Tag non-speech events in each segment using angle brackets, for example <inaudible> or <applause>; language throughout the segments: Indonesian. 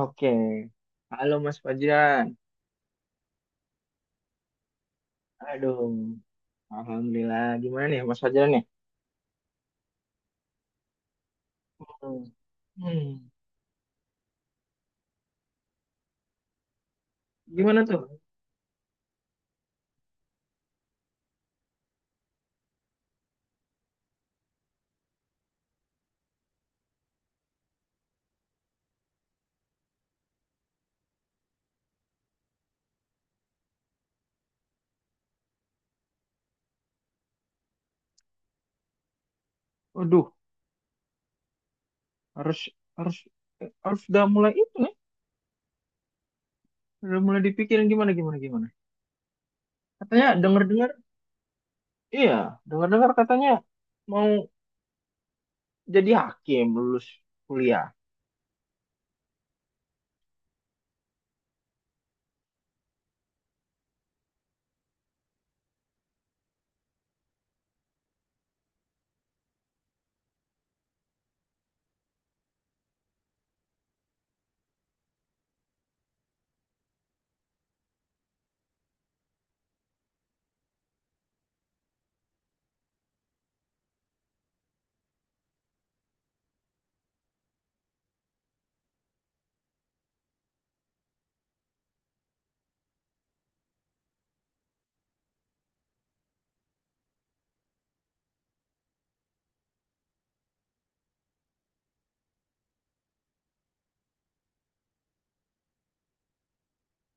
Oke. Halo Mas Fajar. Aduh, alhamdulillah. Gimana nih Mas Fajar nih? Hmm. Hmm, gimana tuh? Waduh, harus harus harus udah mulai itu nih. Udah mulai dipikirin gimana gimana gimana. Katanya dengar-dengar, iya, dengar-dengar katanya mau jadi hakim lulus kuliah.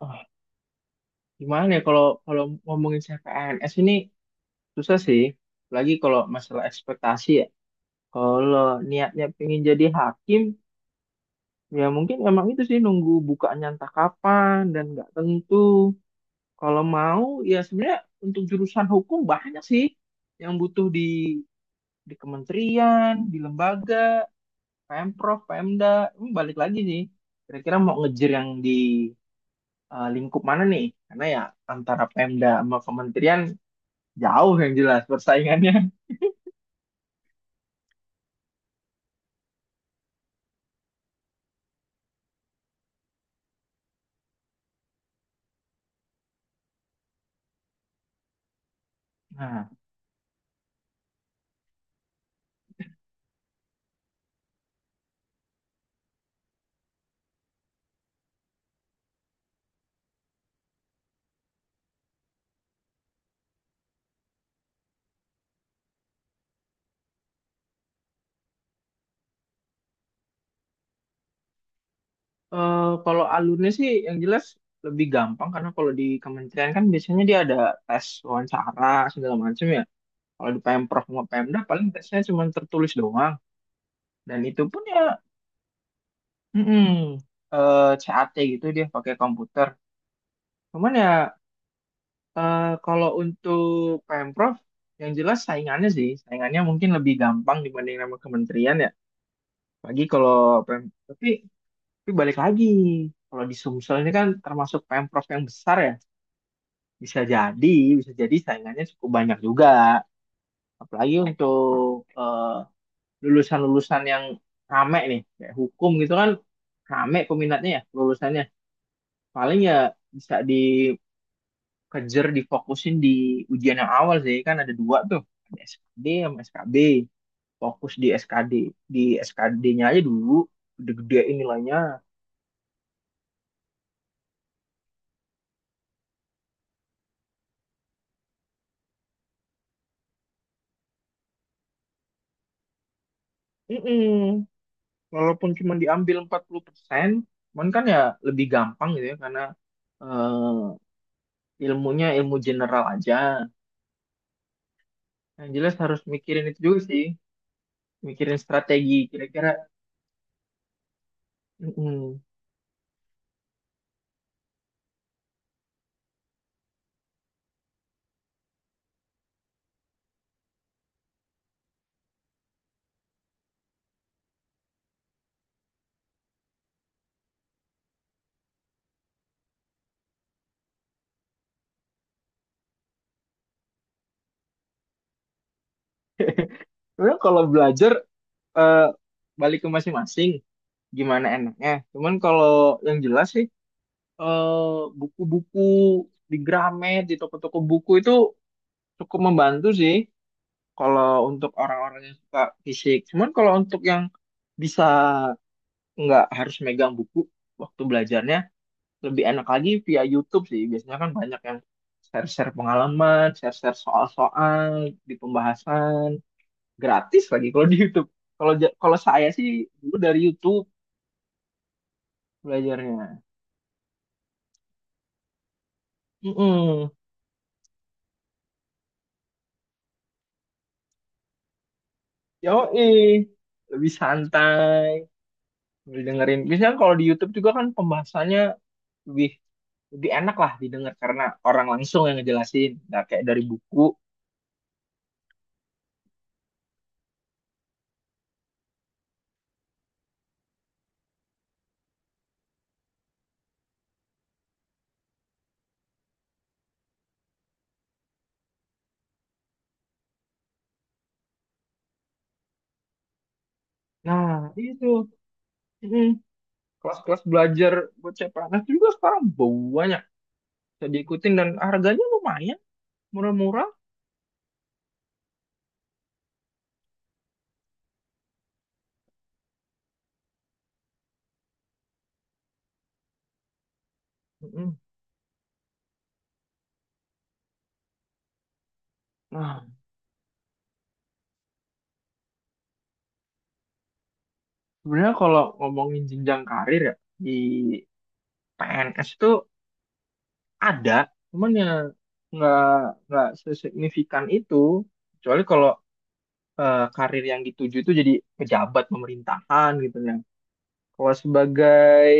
Ah, Gimana ya kalau kalau ngomongin CPNS ini susah sih. Lagi kalau masalah ekspektasi ya. Kalau niatnya pengen jadi hakim, ya mungkin emang itu sih nunggu bukaannya entah kapan dan nggak tentu. Kalau mau ya sebenarnya untuk jurusan hukum banyak sih yang butuh di kementerian, di lembaga, Pemprov, Pemda. Ini balik lagi sih. Kira-kira mau ngejar yang di lingkup mana nih? Karena ya antara Pemda sama kementerian jauh yang jelas persaingannya. <laughs> Nah, kalau alurnya sih yang jelas lebih gampang karena kalau di kementerian kan biasanya dia ada tes wawancara segala macam ya. Kalau di Pemprov sama Pemda paling tesnya cuma tertulis doang dan itu pun ya mm-mm, CAT gitu dia pakai komputer. Cuman ya kalau untuk Pemprov yang jelas saingannya sih, saingannya mungkin lebih gampang dibanding sama kementerian ya. Lagi kalau Pem tapi, balik lagi kalau di Sumsel ini kan termasuk Pemprov yang besar ya. Bisa jadi, bisa jadi saingannya cukup banyak juga. Apalagi untuk eh, lulusan-lulusan yang rame nih, kayak hukum gitu kan rame peminatnya ya lulusannya. Paling ya bisa dikejar, difokusin di ujian yang awal sih. Kan ada dua tuh, ada SKD sama SKB. Fokus di SKD. Di SKD-nya aja dulu, gede-gedein nilainya. Mm-mm. Walaupun cuma diambil 40%, cuman kan ya lebih gampang gitu ya, karena eh, ilmunya ilmu general aja. Yang jelas harus mikirin itu juga sih, mikirin strategi kira-kira. Mm-mm. Sebenarnya kalau belajar eh, balik ke masing-masing, gimana enaknya. Cuman kalau yang jelas sih buku-buku di Gramet, di toko-toko buku itu cukup membantu sih kalau untuk orang-orang yang suka fisik. Cuman kalau untuk yang bisa nggak harus megang buku waktu belajarnya, lebih enak lagi via YouTube sih. Biasanya kan banyak yang share-share pengalaman, share-share soal-soal di pembahasan, gratis lagi kalau di YouTube. Kalau saya sih dulu dari YouTube belajarnya. Mm-mm. Yoi, lebih santai, lebih dengerin. Biasanya kalau di YouTube juga kan pembahasannya lebih lebih enak lah didengar karena orang langsung yang ngejelasin, nggak kayak dari buku. Nah, itu. Mm-mm. Kelas-kelas belajar buat CPNS juga sekarang banyak bisa diikutin dan harganya lumayan murah-murah. Mm-mm. Nah, sebenarnya kalau ngomongin jenjang karir ya di PNS itu ada, cuman ya nggak nggak sesignifikan itu. Kecuali kalau karir yang dituju itu jadi pejabat pemerintahan gitu ya. Kalau sebagai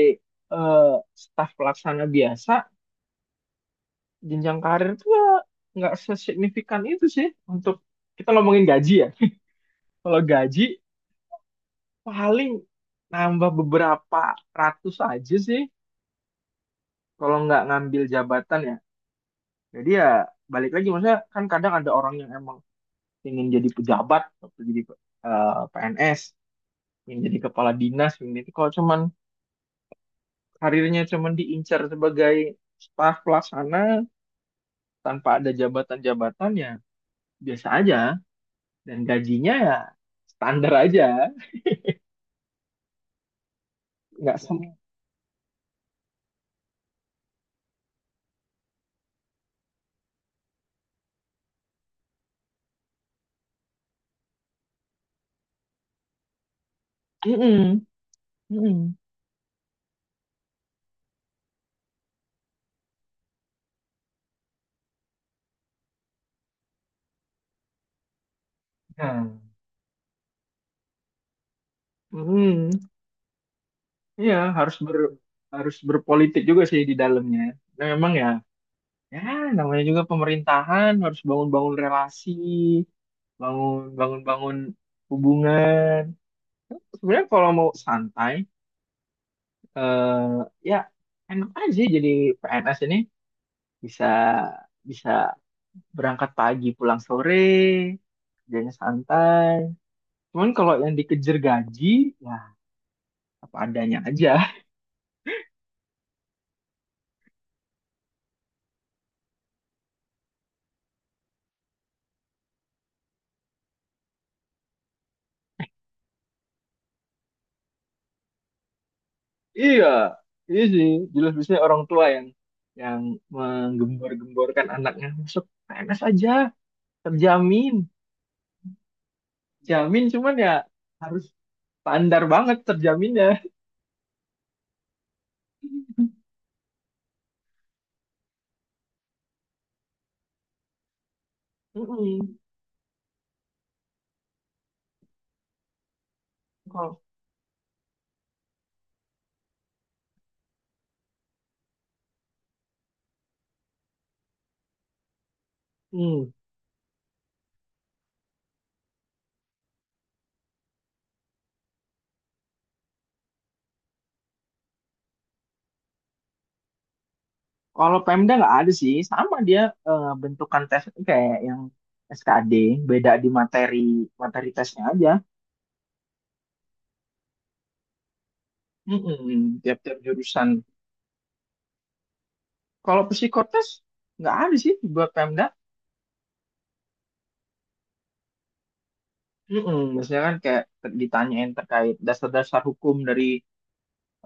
eh, staf pelaksana biasa, jenjang karir itu ya nggak sesignifikan itu sih untuk kita ngomongin gaji ya. Kalau gaji paling nambah beberapa ratus aja sih kalau nggak ngambil jabatan ya. Jadi ya balik lagi maksudnya kan kadang ada orang yang emang ingin jadi pejabat, atau jadi PNS, ingin jadi kepala dinas, ingin itu kalau cuman karirnya cuman diincar sebagai staf pelaksana tanpa ada jabatan-jabatan ya biasa aja dan gajinya ya standar aja, nggak sama. Mm-mm. Mm-mm. Hmm. Mm-mm. Iya, harus berpolitik juga sih di dalamnya. Nah, memang ya, ya namanya juga pemerintahan harus bangun-bangun relasi, bangun-bangun hubungan. Sebenarnya kalau mau santai, eh, ya enak aja jadi PNS ini bisa bisa berangkat pagi pulang sore, kerjanya santai. Cuman kalau yang dikejar gaji, ya apa adanya aja. Iya, iya sih. Jelas biasanya orang tua yang menggembor-gemborkan anaknya masuk PNS aja, terjamin, jamin. Cuman ya harus standar banget terjaminnya. <laughs> Mm-mm. Kalau mm. Kalau Pemda nggak ada sih, sama dia bentukan tes kayak yang SKD, beda di materi materi tesnya aja. Mm-mm. Tiap-tiap jurusan. Kalau psikotes nggak ada sih buat Pemda. Mm-mm, biasanya kan kayak ditanyain terkait dasar-dasar hukum dari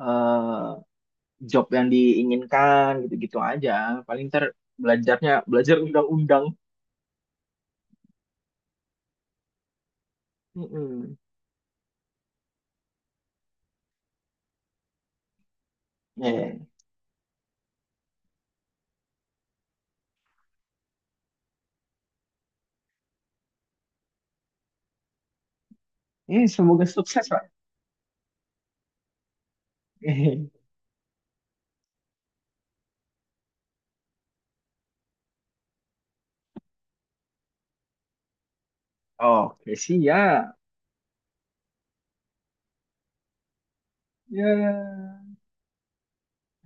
eh, job yang diinginkan gitu-gitu aja. Paling ntar belajarnya belajar undang-undang. Mm-mm. Eh, semoga sukses, Pak. <laughs> Oke, siap. Ya.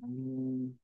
Hmm.